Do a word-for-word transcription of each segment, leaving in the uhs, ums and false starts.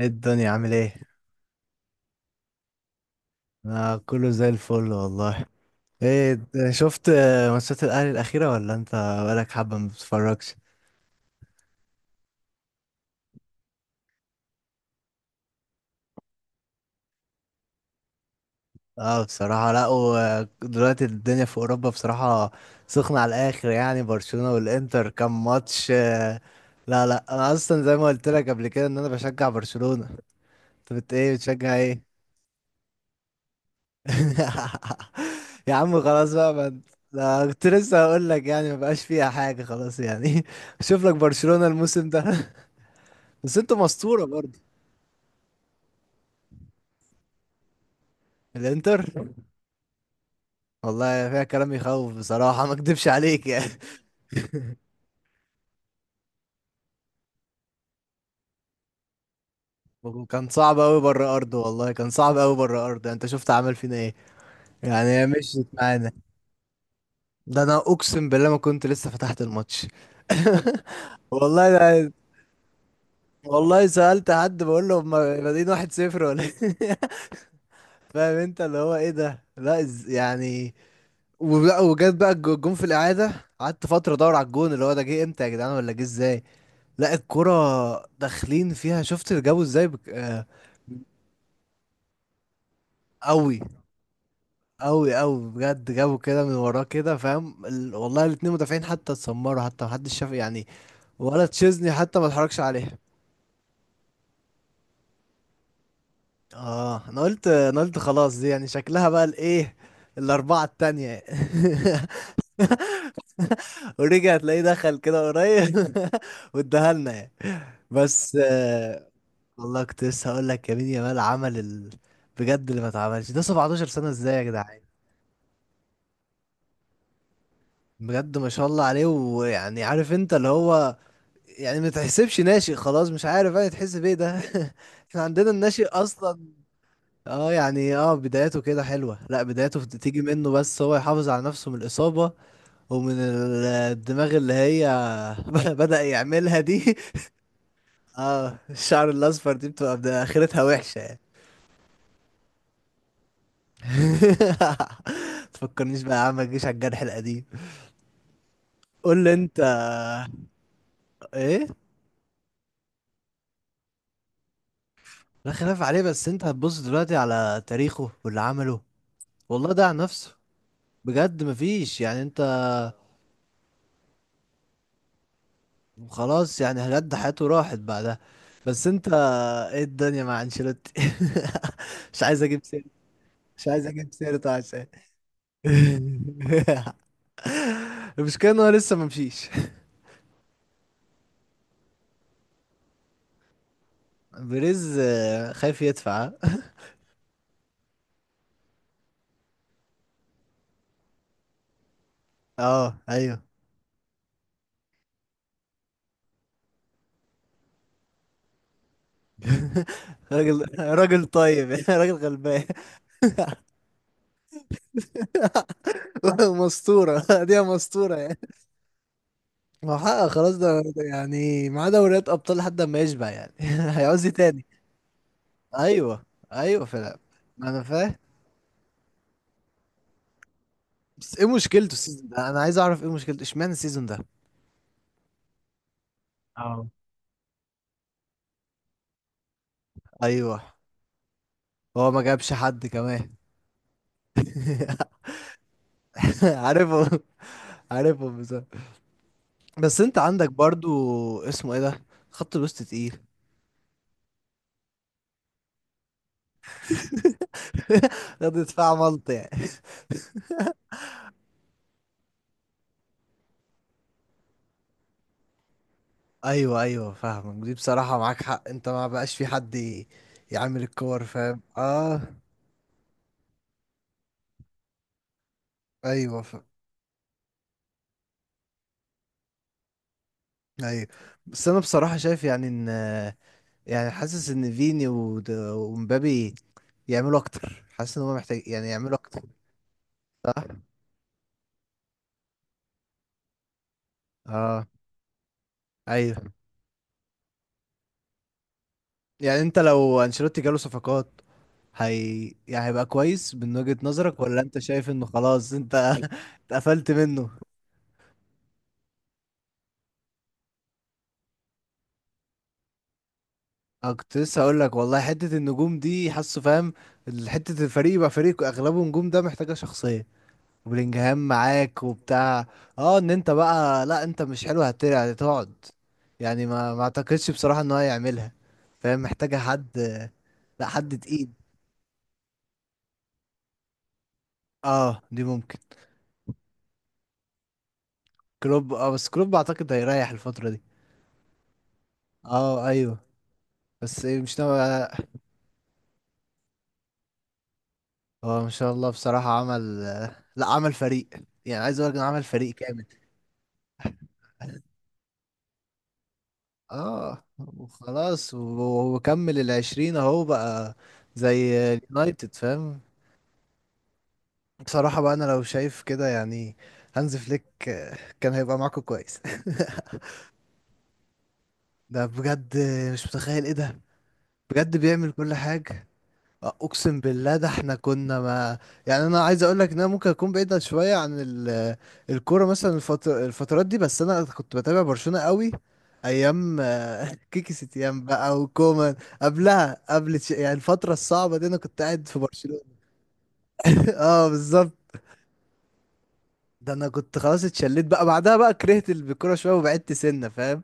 ايه الدنيا عامل ايه؟ انا كله زي الفل والله. ايه د- شفت آه، ماتشات الاهلي الاخيره، ولا انت بقالك حبه ما بتتفرجش؟ اه بصراحه، لا. ودلوقتي الدنيا في اوروبا بصراحه سخنه على الاخر، يعني برشلونه والانتر كان ماتش آه، لا لا، انا اصلا زي ما قلت لك قبل كده ان انا بشجع برشلونه. انت بت ايه، بتشجع ايه؟ يا عم خلاص بقى، ما انت- لا كنت لسه هقول لك يعني ما بقاش فيها حاجه خلاص يعني. شوف لك برشلونه الموسم ده. بس انتوا مستورة برضه. الانتر والله فيها كلام يخوف بصراحة، ما اكدبش عليك يعني. وكان صعب قوي بره ارضه، والله كان صعب قوي بره ارضه، يعني انت شفت عمل فينا ايه. يعني هي مشيت معانا. ده انا اقسم بالله ما كنت لسه فتحت الماتش. والله ده، والله سألت حد بقول له هما بادئين واحد صفر ولا إيه؟ فاهم انت اللي هو ايه ده، لا إز- يعني. ولا- وجت بقى الج- الجون في الإعادة. قعدت فترة ادور على الجون، اللي هو ده جه امتى يا جدعان ولا جه ازاي؟ لا الكرة داخلين فيها، شفت اللي جابوا ازاي بك... آه، قوي قوي قوي، بجد جابوا كده من وراه كده، فاهم ال... والله الاتنين مدافعين حتى اتسمروا، حتى محدش شاف يعني. ولا تشيزني حتى ما اتحركش عليها. اه انا قلت انا قلت خلاص دي يعني شكلها بقى الايه، الاربعة التانية. ورجع تلاقيه دخل كده قريب. واداها لنا يعني. بس آه، والله كنت لسه هقول لك يمين يامال عمل ال... بجد اللي ما اتعملش ده 17 سنة ازاي يا جدعان؟ بجد ما شاء الله عليه، ويعني عارف انت اللي هو، يعني ما تحسبش ناشئ خلاص، مش عارف انا تحس بايه ده. احنا عندنا الناشئ اصلا. اه يعني اه، بدايته كده حلوة، لا بدايته بت- تيجي منه، بس هو يحافظ على نفسه من الإصابة ومن ال- الدماغ اللي هي. بدأ يعملها دي. اه الشعر الأصفر دي بتبقى بدا- آخرتها وحشة يعني. تفكرنيش بقى يا عم، ما تجيش على الجرح القديم. قول لي انت آه، ايه. لا خلاف عليه، بس انت هتبص دلوقتي على تاريخه واللي عمله. والله ده عن نفسه، بجد مفيش يعني انت. خلاص يعني بجد حياته راحت بعدها. بس انت، ايه الدنيا مع انشيلوتي؟ مش عايز اجيب سيرة، مش عايز اجيب سيرته عشان. المشكلة ان هو لسه ما مشيش. بريز آه، خايف يدفع. اه ايوه. راجل راجل طيب، راجل غلبان. مسطورة. دي مسطورة. ما هو حقق خلاص، ده ده يعني معاه دوريات ابطال لحد ما يشبع يعني. هيعوز إيه تاني؟ ايوه ايوه فعلا. ما انا فاهم. بس ايه مشكلته السيزون ده؟ انا عايز اعرف ايه مشكلته، اشمعنى السيزون ده؟ اه ايوه. هو ما جابش حد كمان. عارفه. عارفه بصراحه. بس انت عندك برضو، اسمه ايه ده، خط الوسط تقيل. خط دفاع ملط يعني. ايوه ايوه فاهمك، دي بصراحه معاك حق، انت ما بقاش في حد ي- يعمل الكور، فاهم؟ اه ايوه ايوه. بس انا بصراحة شايف يعني ان، يعني حاسس ان فيني ود- ومبابي يعملوا اكتر، حاسس ان هم محتاج يعني يعملوا اكتر. صح. اه ايوه. يعني انت لو انشيلوتي جاله صفقات، هي يعني هيبقى كويس من وجهة نظرك، ولا انت شايف انه خلاص انت اتقفلت منه؟ انا كنت لسه هقول لك والله، حتة النجوم دي حاسه، فاهم؟ حتة الفريق يبقى فريق اغلبه نجوم، ده محتاجة شخصية. وبلينجهام معاك وبتاع. اه ان انت بقى، لا انت مش حلو هترجع هتقعد. يعني ما ما اعتقدش بصراحة ان هو يعملها. فاهم، محتاجة حد، لا حد تقيل. اه دي ممكن. كلوب. اه بس كلوب اعتقد هيريح الفترة دي. اه ايوه. بس إيه، مش ناوي. هو ما شاء الله بصراحة عمل، لا عمل فريق، يعني عايز اقول لك إنه عمل فريق كامل. اه وخلاص، و- وكمل العشرين اهو بقى. زي اليونايتد، فاهم؟ بصراحة بقى أنا لو شايف كده يعني، هانز فليك آه، كان هيبقى معاكم كويس. ده بجد، آه، مش متخيل إيه ده. بجد بيعمل كل حاجة. آه، أقسم بالله ده، إحنا كنا ما. يعني أنا عايز أقول لك إن أنا ممكن أكون بعيد شوية عن ال... الكورة مثلا، الفتر... الفترات دي، بس أنا كنت بتابع برشلونة قوي، أيام آه، كيكي ستيان بقى وكومان. قبلها قبل تش- يعني الفترة الصعبة دي أنا كنت قاعد في برشلونة. اه بالظبط. ده انا كنت خلاص اتشليت بقى، بعدها بقى كرهت الكوره شويه وبعدت سنه، فاهم؟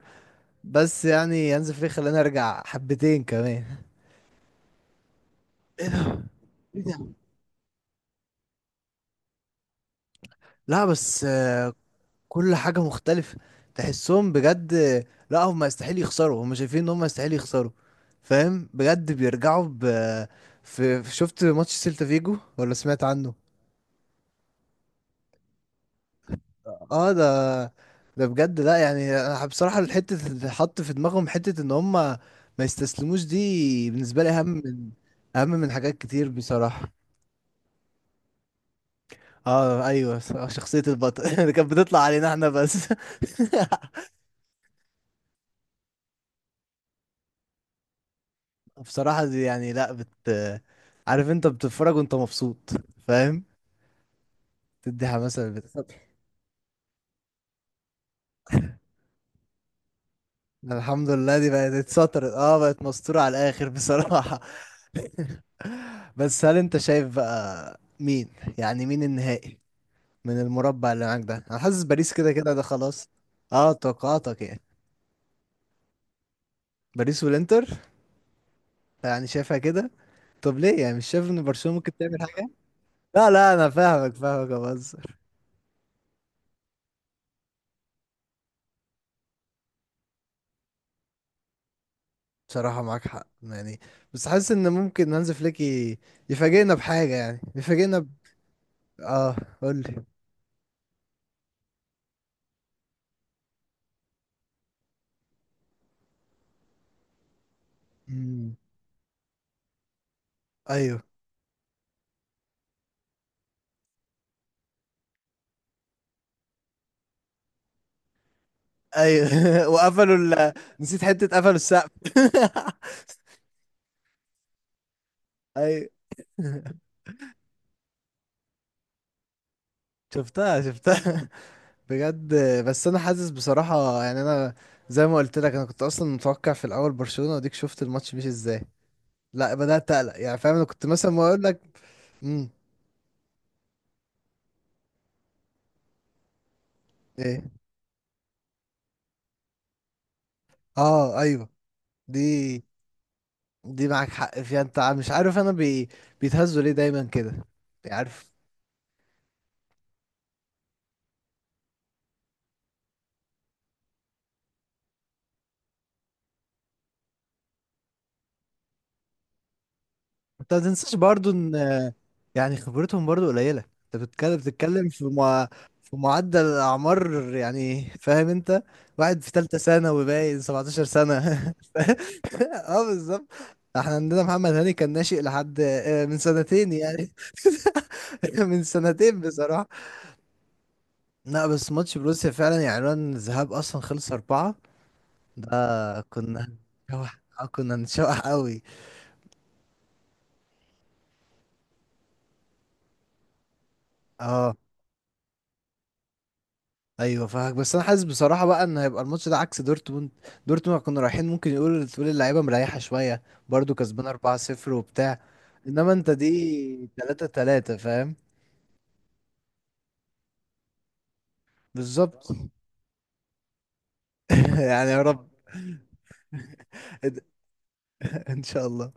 بس يعني هانز فليك خلاني ارجع حبتين كمان. ايه ده، ايه ده. لا بس آه، كل حاجه مختلفه، تحسهم بجد آه، لا هم يستحيل يخسروا، هم شايفين ان هم يستحيل يخسروا. فاهم؟ بجد بيرجعوا ب، في في- شفت ماتش سيلتا فيجو ولا سمعت عنه؟ اه ده، ده بجد لا يعني، انا بصراحه الحته اللي حط في دماغهم حته ان هم ما يستسلموش دي، بالنسبه لي اهم من، اهم من حاجات كتير بصراحه. اه ايوه، ص- شخصيه البطل اللي كانت بتطلع علينا احنا بس. بصراحه دي يعني، لا بت، عارف انت بتتفرج وانت مبسوط، فاهم؟ تدي حماسه بت... الحمد لله دي بقت اتسطرت، اه بقت مستوره على الاخر بصراحه. بس هل انت شايف بقى مين، يعني مين النهائي من المربع اللي معاك ده؟ انا حاسس باريس كده كده ده خلاص. اه توقعاتك يعني. باريس والانتر، يعني شايفها كده. طب ليه، يعني مش شايف ان برشلونة ممكن تعمل حاجة؟ لا لا انا فاهمك، فاهمك يا بهزر. بصراحة معاك حق يعني. بس حاسس ان ممكن هانز فليك ي- يفاجئنا بحاجة، يعني يفاجئنا ب... اه. قول لي. مم. ايوه ايوه. وقفلوا ال... نسيت حتة، قفلوا السقف. ايوه. شفتها شفتها، بجد. بس انا حاسس بصراحة يعني انا، زي ما قلت لك انا كنت اصلا متوقع في الاول برشلونة، وديك شفت الماتش مش ازاي، لا بدأت اقلق يعني، فاهم؟ انا كنت مثلا ما اقول لك. امم ايه. اه ايوه، دي، دي معاك حق فيها، انت مش عارف انا بي... بيتهزوا ليه دايما كده؟ يعني عارف انت، ما تنساش برضو ان، يعني خبرتهم برضو قليله، انت بتتكلم بتتكلم في مع... في معدل اعمار، يعني فاهم انت، واحد في ثالثه ثانوي باين 17 سنه. اه بالظبط. احنا عندنا محمد هاني كان ناشئ لحد آه، من سنتين يعني. من سنتين بصراحه. لا بس ماتش بروسيا فعلا يعني عنوان الذهاب اصلا خلص اربعه. ده كنا نشوح آه، كنا نشوح قوي. اه ايوه فاهمك. بس انا حاسس بصراحه بقى ان هيبقى الماتش ده عكس دورتموند. دورتموند كنا رايحين ممكن يقول تقول اللعيبه مريحه شويه، برضو كسبان اربعه صفر وبتاع. انما انت دي تلاته تلاته، فاهم؟ بالظبط. يعني يا رب. ان شاء الله.